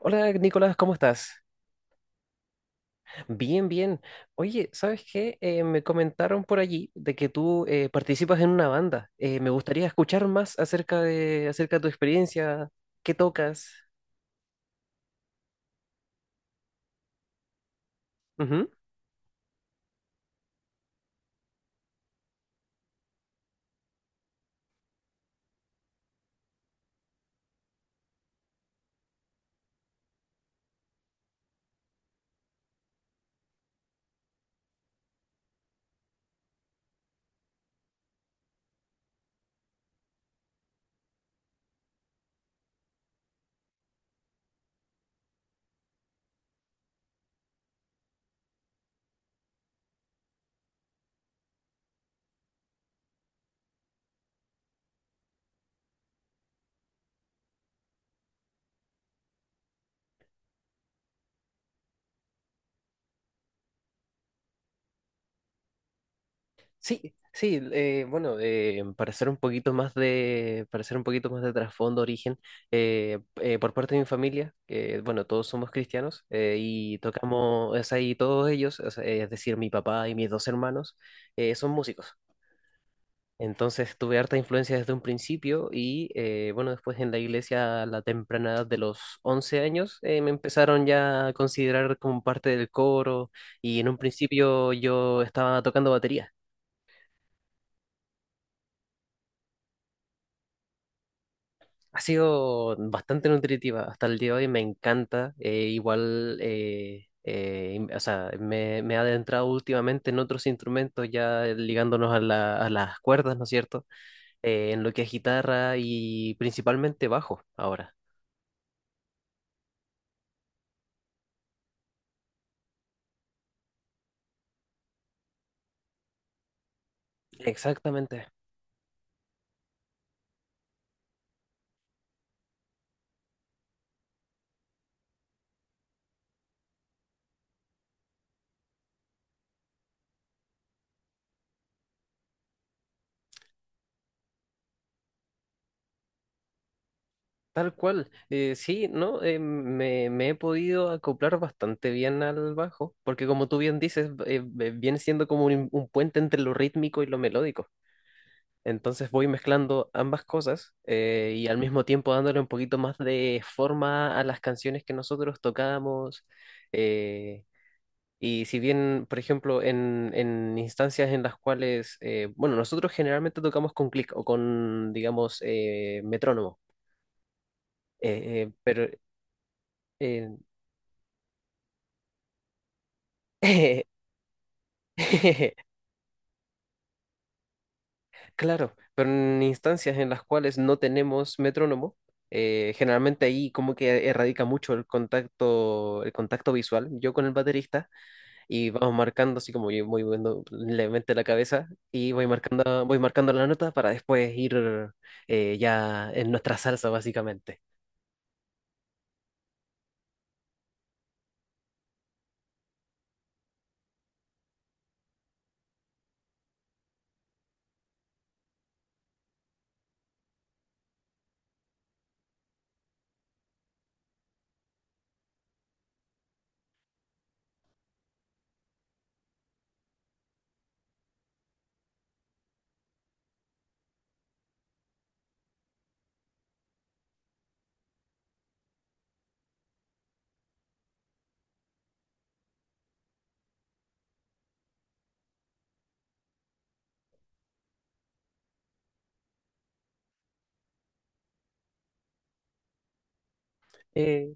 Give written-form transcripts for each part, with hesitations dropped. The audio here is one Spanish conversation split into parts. Hola Nicolás, ¿cómo estás? Bien, bien. Oye, ¿sabes qué? Me comentaron por allí de que tú participas en una banda. Me gustaría escuchar más acerca de tu experiencia, qué tocas. Ujú. Sí, sí, bueno, para hacer un poquito más de trasfondo, origen, por parte de mi familia, bueno, todos somos cristianos y tocamos, es ahí todos ellos, o sea, es decir, mi papá y mis dos hermanos, son músicos. Entonces tuve harta influencia desde un principio y bueno, después en la iglesia a la temprana edad de los 11 años me empezaron ya a considerar como parte del coro y en un principio yo estaba tocando batería. Ha sido bastante nutritiva hasta el día de hoy, me encanta. Igual, o sea, me he adentrado últimamente en otros instrumentos ya ligándonos a a las cuerdas, ¿no es cierto? En lo que es guitarra y principalmente bajo ahora. Exactamente, tal cual. Sí, ¿no? Me he podido acoplar bastante bien al bajo, porque como tú bien dices, viene siendo como un puente entre lo rítmico y lo melódico. Entonces voy mezclando ambas cosas y al mismo tiempo dándole un poquito más de forma a las canciones que nosotros tocamos. eh, y si bien, por ejemplo, en instancias en las cuales, bueno, nosotros generalmente tocamos con clic o con, digamos, metrónomo. Eh, eh, pero, eh, claro, pero en instancias en las cuales no tenemos metrónomo, generalmente ahí como que erradica mucho el contacto visual, yo con el baterista, y vamos marcando así como yo voy moviendo levemente la cabeza y voy marcando la nota para después ir ya en nuestra salsa básicamente. Eh,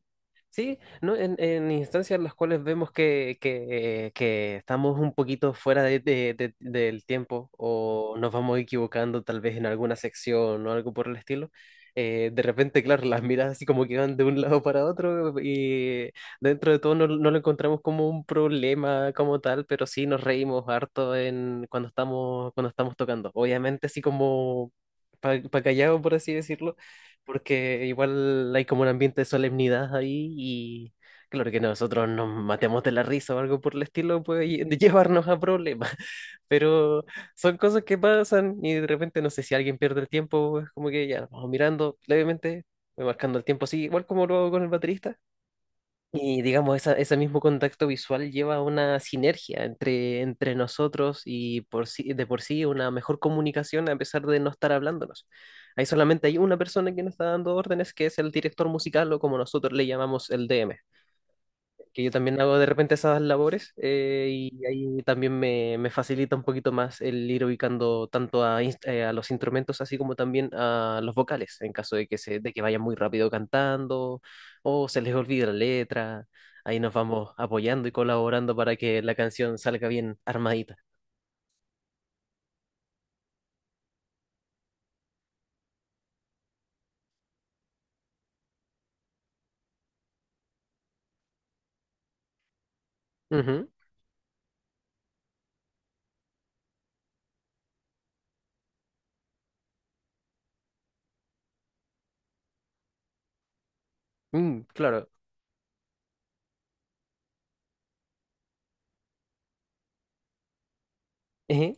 Sí ¿no? En instancias en las cuales vemos que estamos un poquito fuera del tiempo o nos vamos equivocando tal vez en alguna sección o algo por el estilo, de repente, claro, las miradas así como que van de un lado para otro y dentro de todo no, no lo encontramos como un problema como tal, pero sí nos reímos harto cuando estamos, tocando. Obviamente así como para pa pa callado, por así decirlo, porque igual hay como un ambiente de solemnidad ahí y claro que nosotros nos matemos de la risa o algo por el estilo puede llevarnos a problemas, pero son cosas que pasan y de repente no sé si alguien pierde el tiempo, es como que ya nos vamos mirando levemente, voy marcando el tiempo así, igual como lo hago con el baterista y digamos, ese mismo contacto visual lleva a una sinergia entre, nosotros y de por sí una mejor comunicación a pesar de no estar hablándonos. Ahí solamente hay una persona que nos está dando órdenes, que es el director musical o como nosotros le llamamos el DM, que yo también hago de repente esas labores y ahí también me facilita un poquito más el ir ubicando tanto a los instrumentos así como también a los vocales en caso de de que vayan muy rápido cantando o se les olvide la letra. Ahí nos vamos apoyando y colaborando para que la canción salga bien armadita. Ujú. Mm, claro. Ejé.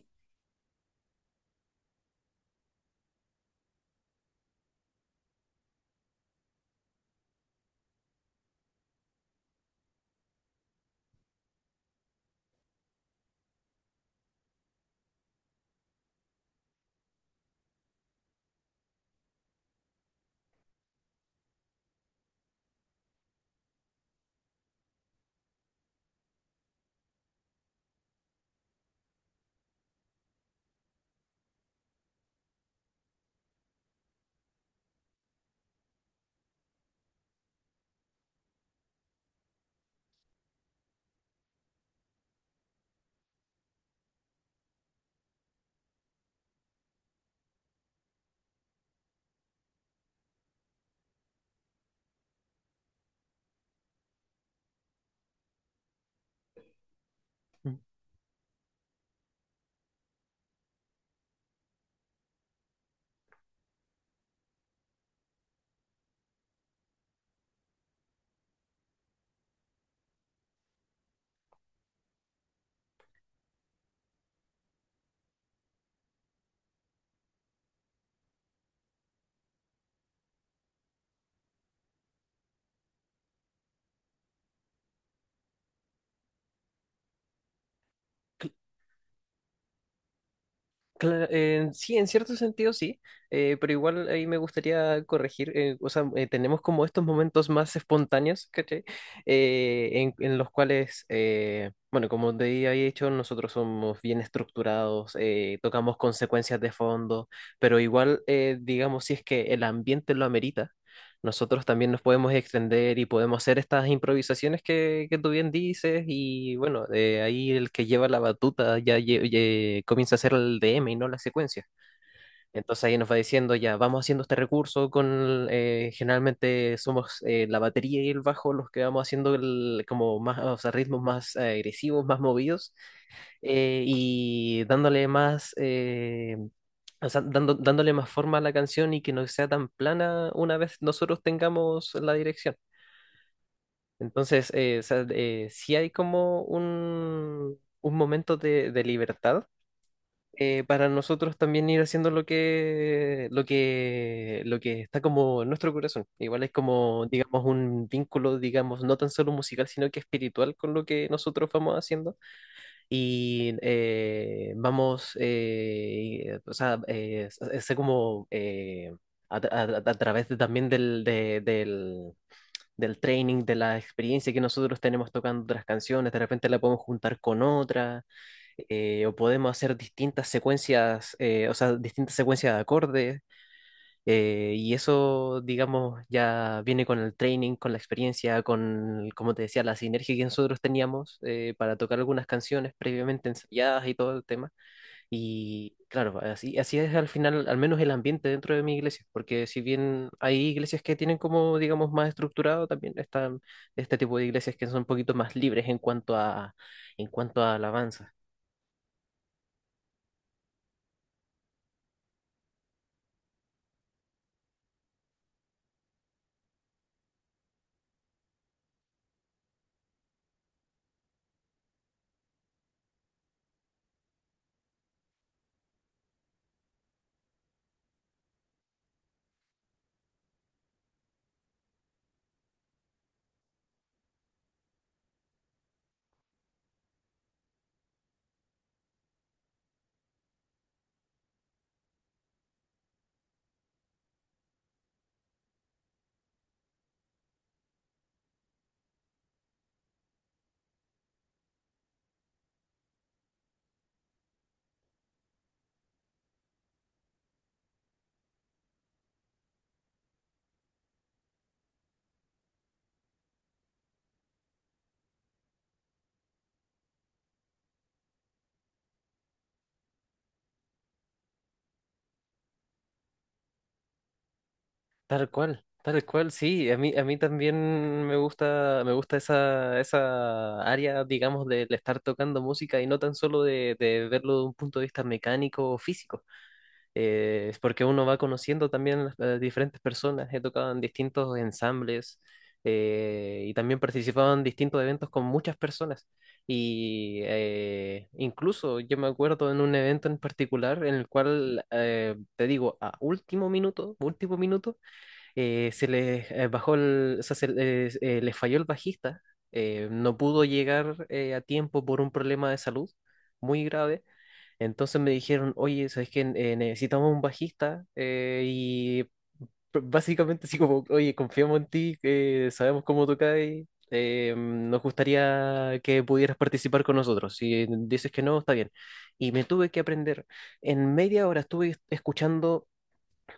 Sí, en cierto sentido sí, pero igual ahí me gustaría corregir, o sea, tenemos como estos momentos más espontáneos, ¿cachai? En los cuales, bueno, como te había dicho, nosotros somos bien estructurados, tocamos consecuencias de fondo, pero igual, digamos, si es que el ambiente lo amerita nosotros también nos podemos extender y podemos hacer estas improvisaciones que tú bien dices y bueno, de ahí el que lleva la batuta ya, comienza a hacer el DM y no la secuencia. Entonces ahí nos va diciendo ya, vamos haciendo este recurso generalmente somos la batería y el bajo los que vamos haciendo como más, o sea, ritmos más agresivos, más movidos y dándole más, o sea, dándole más forma a la canción y que no sea tan plana una vez nosotros tengamos la dirección. Entonces, o sea, sí hay como un momento de libertad para nosotros también ir haciendo lo que está como en nuestro corazón. Igual es como, digamos, un vínculo, digamos, no tan solo musical, sino que espiritual con lo que nosotros vamos haciendo y vamos, o sea, sé como a, tra- a través también del training, de la experiencia que nosotros tenemos tocando otras canciones, de repente la podemos juntar con otra, o podemos hacer distintas secuencias, o sea, distintas secuencias de acordes y eso, digamos, ya viene con el training, con la experiencia, con, como te decía, la sinergia que nosotros teníamos para tocar algunas canciones previamente ensayadas y todo el tema. Y claro, así es al final, al menos el ambiente dentro de mi iglesia, porque si bien hay iglesias que tienen como, digamos, más estructurado, también están este tipo de iglesias que son un poquito más libres en cuanto a, alabanza. Tal cual, sí. A mí también me gusta esa área, digamos, de estar tocando música y no tan solo de verlo de un punto de vista mecánico o físico. Es porque uno va conociendo también a diferentes personas. He tocado en distintos ensambles y también participado en distintos eventos con muchas personas. Y incluso yo me acuerdo en un evento en particular en el cual, te digo, a último minuto se les o sea, se les, les falló el bajista, no pudo llegar a tiempo por un problema de salud muy grave. Entonces me dijeron, oye, ¿sabes qué? Necesitamos un bajista y básicamente así como, oye, confiamos en ti, sabemos cómo tocas, nos gustaría que pudieras participar con nosotros. Si dices que no, está bien. Y me tuve que aprender. En media hora estuve escuchando,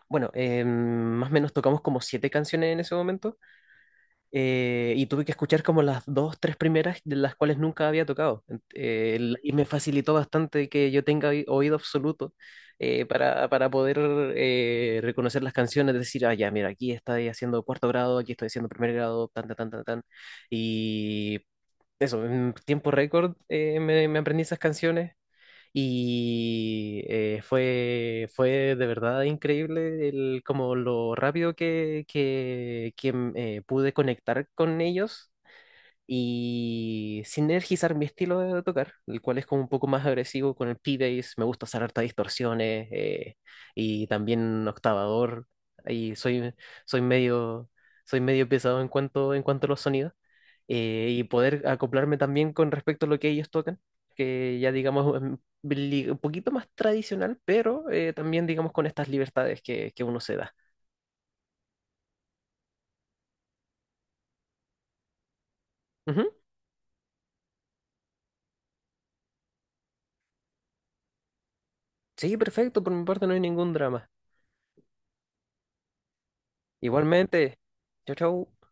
bueno, más o menos tocamos como siete canciones en ese momento y tuve que escuchar como las dos, tres primeras de las cuales nunca había tocado. Y me facilitó bastante que yo tenga oído absoluto para poder reconocer las canciones, decir, ah, ya, mira, aquí estoy haciendo cuarto grado, aquí estoy haciendo primer grado, tan, tan, tan, tan, tan. Y eso, en tiempo récord me aprendí esas canciones y fue de verdad increíble el, como lo rápido pude conectar con ellos y sinergizar mi estilo de tocar, el cual es como un poco más agresivo con el P-Bass, me gusta hacer hartas distorsiones y también octavador, y soy medio, soy medio pesado en cuanto a los sonidos, y poder acoplarme también con respecto a lo que ellos tocan, que ya digamos un poquito más tradicional, pero también digamos con estas libertades que uno se da. Ujú. Sí, perfecto, por mi parte no hay ningún drama. Igualmente, chau, chau.